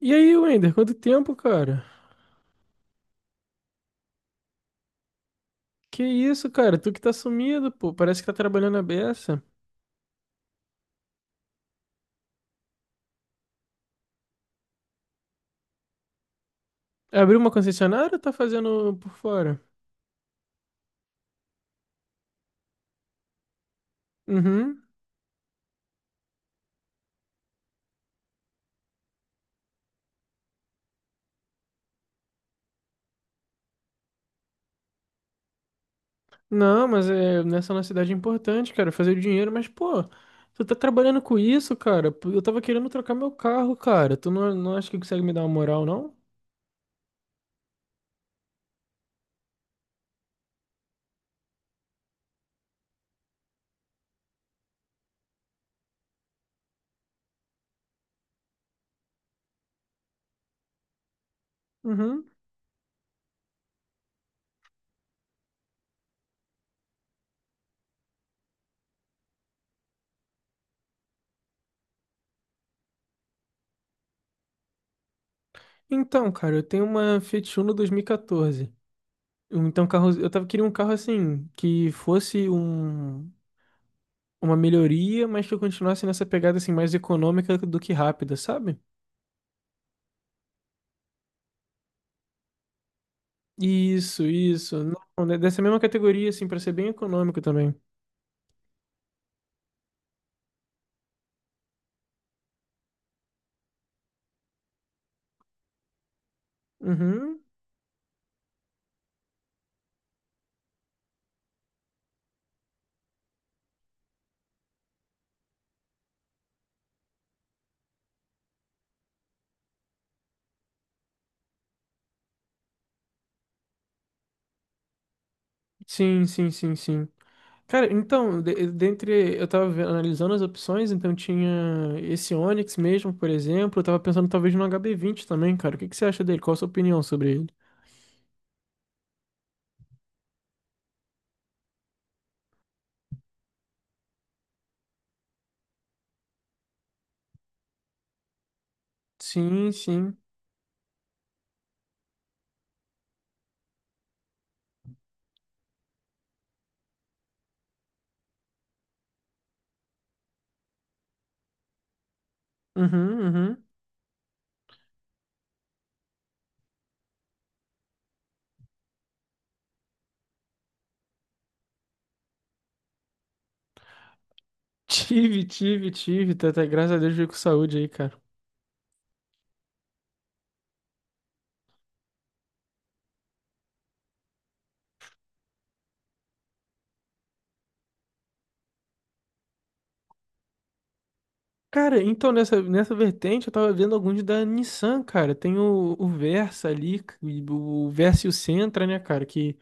E aí, Wender, quanto tempo, cara? Que isso, cara? Tu que tá sumido, pô. Parece que tá trabalhando a beça. Abriu uma concessionária ou tá fazendo por fora? Uhum. Não, mas é, nessa nossa cidade é importante, cara, fazer o dinheiro. Mas, pô, tu tá trabalhando com isso, cara? Pô, eu tava querendo trocar meu carro, cara. Tu não acha que consegue me dar uma moral, não? Uhum. Então, cara, eu tenho uma Fiat Uno 2014. Então, carro, eu tava queria um carro assim, uma melhoria, mas que eu continuasse nessa pegada assim mais econômica do que rápida, sabe? Isso, isso. Não, né, dessa mesma categoria, assim, para ser bem econômico também. Uhum. Sim, sim, sim, sim. Cara, então, de- dentre. Eu tava analisando as opções, então tinha esse Onix mesmo, por exemplo. Eu tava pensando talvez no HB20 também, cara. O que que você acha dele? Qual a sua opinião sobre ele? Sim, sim. Uhum, uhum. Tive, tive, tive. Tá, tá, graças a Deus veio com saúde aí, cara. Cara, então nessa vertente eu tava vendo alguns da Nissan, cara. Tem o Versa ali, e o Versa e o Sentra, né, cara, que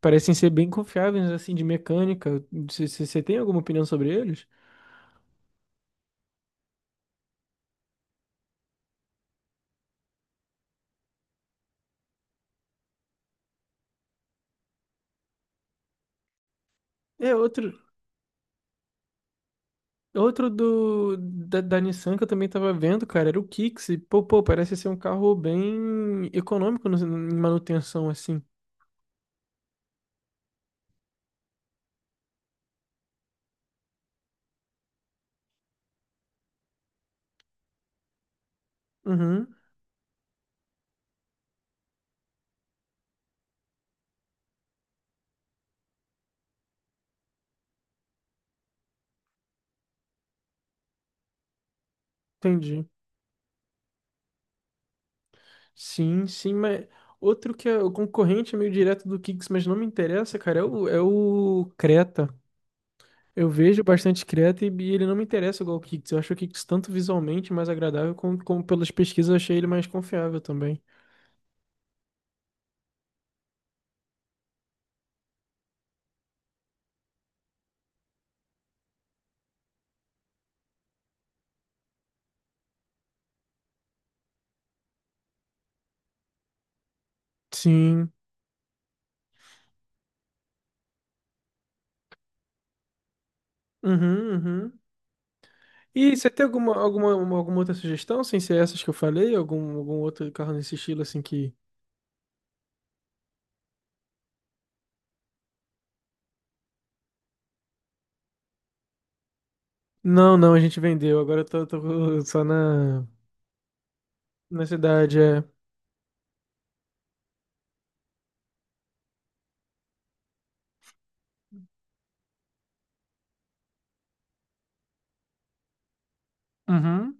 parecem ser bem confiáveis, assim, de mecânica. Você tem alguma opinião sobre eles? É outro. Outro da Nissan que eu também tava vendo, cara, era o Kicks. E, pô, parece ser um carro bem econômico em manutenção, assim. Uhum, entendi. Sim, sim, mas outro que é o concorrente é meio direto do Kicks, mas não me interessa, cara, é o Creta. Eu vejo bastante Creta e ele não me interessa igual o Kicks. Eu acho o Kicks tanto visualmente mais agradável, como, como pelas pesquisas eu achei ele mais confiável também. Sim. Uhum, uhum. E você tem alguma outra sugestão, sem ser essas que eu falei? Algum outro carro nesse estilo, assim, que... Não, não, a gente vendeu. Agora eu tô só na, na cidade, é. Uhum.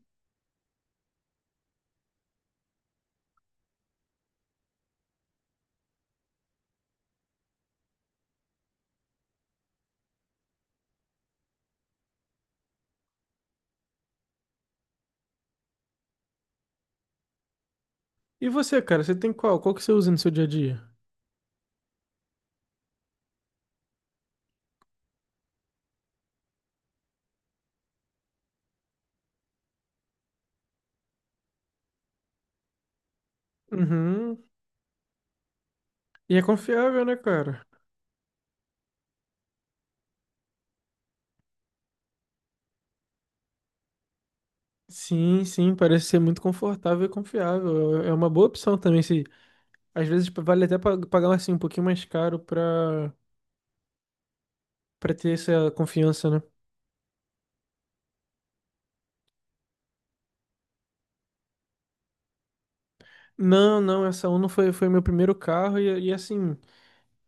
E você, cara, você tem qual? Qual que você usa no seu dia a dia? Uhum. E é confiável, né, cara? Sim, sim, parece ser muito confortável e confiável. É é uma boa opção também, se às vezes vale até pagar assim um pouquinho mais caro pra para ter essa confiança, né? Não, não, essa Uno foi meu primeiro carro e assim,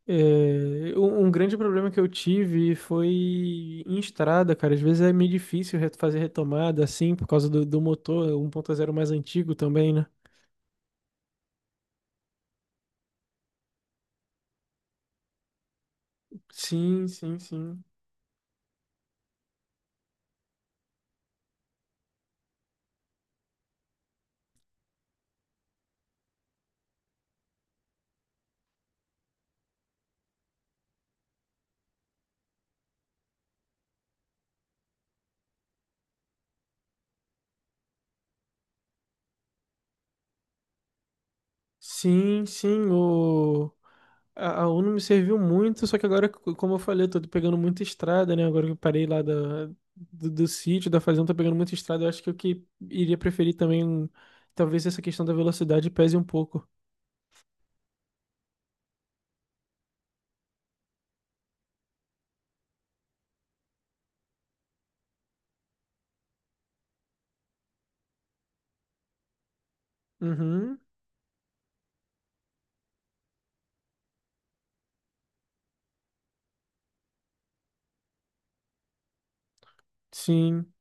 é, um grande problema que eu tive foi em estrada, cara. Às vezes é meio difícil fazer retomada assim, por causa do motor 1.0 mais antigo também, né? Sim, sim, sim. Sim, sim, o... A, a Uno me serviu muito, só que agora, como eu falei, eu tô pegando muita estrada, né? Agora que eu parei lá da, do sítio, da fazenda, tô pegando muita estrada. Eu acho que o que iria preferir também, talvez essa questão da velocidade pese um pouco. Uhum, sim.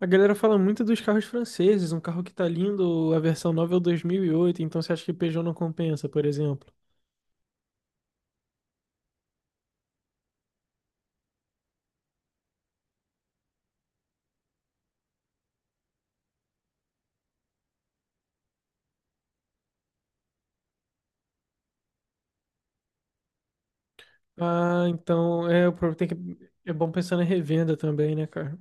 A galera fala muito dos carros franceses, um carro que tá lindo, a versão nova é o 2008. Então você acha que Peugeot não compensa, por exemplo? Ah, então é, o problema tem que é bom pensar na revenda também, né, cara?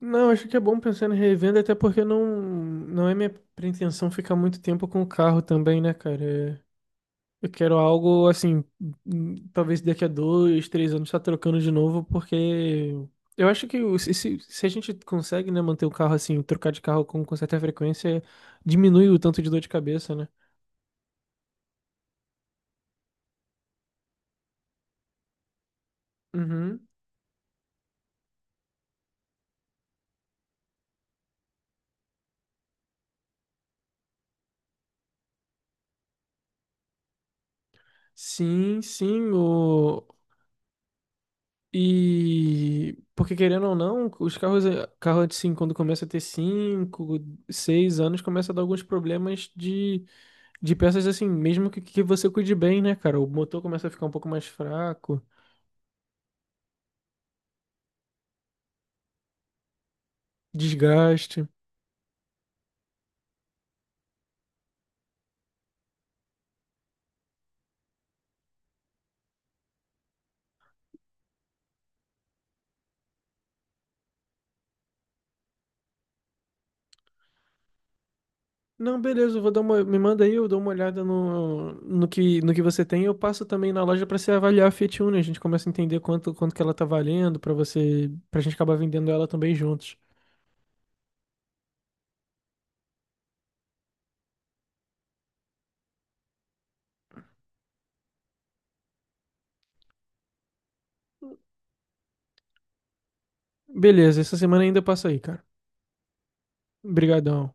Não, acho que é bom pensar em revenda, até porque não, não é minha pretensão ficar muito tempo com o carro também, né, cara? É, eu quero algo assim, talvez daqui a dois, três anos tá trocando de novo, porque eu acho que se a gente consegue, né, manter o carro assim, trocar de carro com certa frequência, diminui o tanto de dor de cabeça, né? Uhum. Sim, sim, o, e porque querendo ou não, os carros, carro assim, quando começa a ter 5 6 anos, começa a dar alguns problemas de peças assim, mesmo que você cuide bem, né, cara? O motor começa a ficar um pouco mais fraco, desgaste. Não, beleza, eu vou dar uma, me manda aí, eu dou uma olhada no que você tem. Eu passo também na loja pra você avaliar a Fiat Uno, a gente começa a entender quanto que ela tá valendo pra você, pra gente acabar vendendo ela também juntos. Beleza, essa semana ainda passa aí, cara. Obrigadão.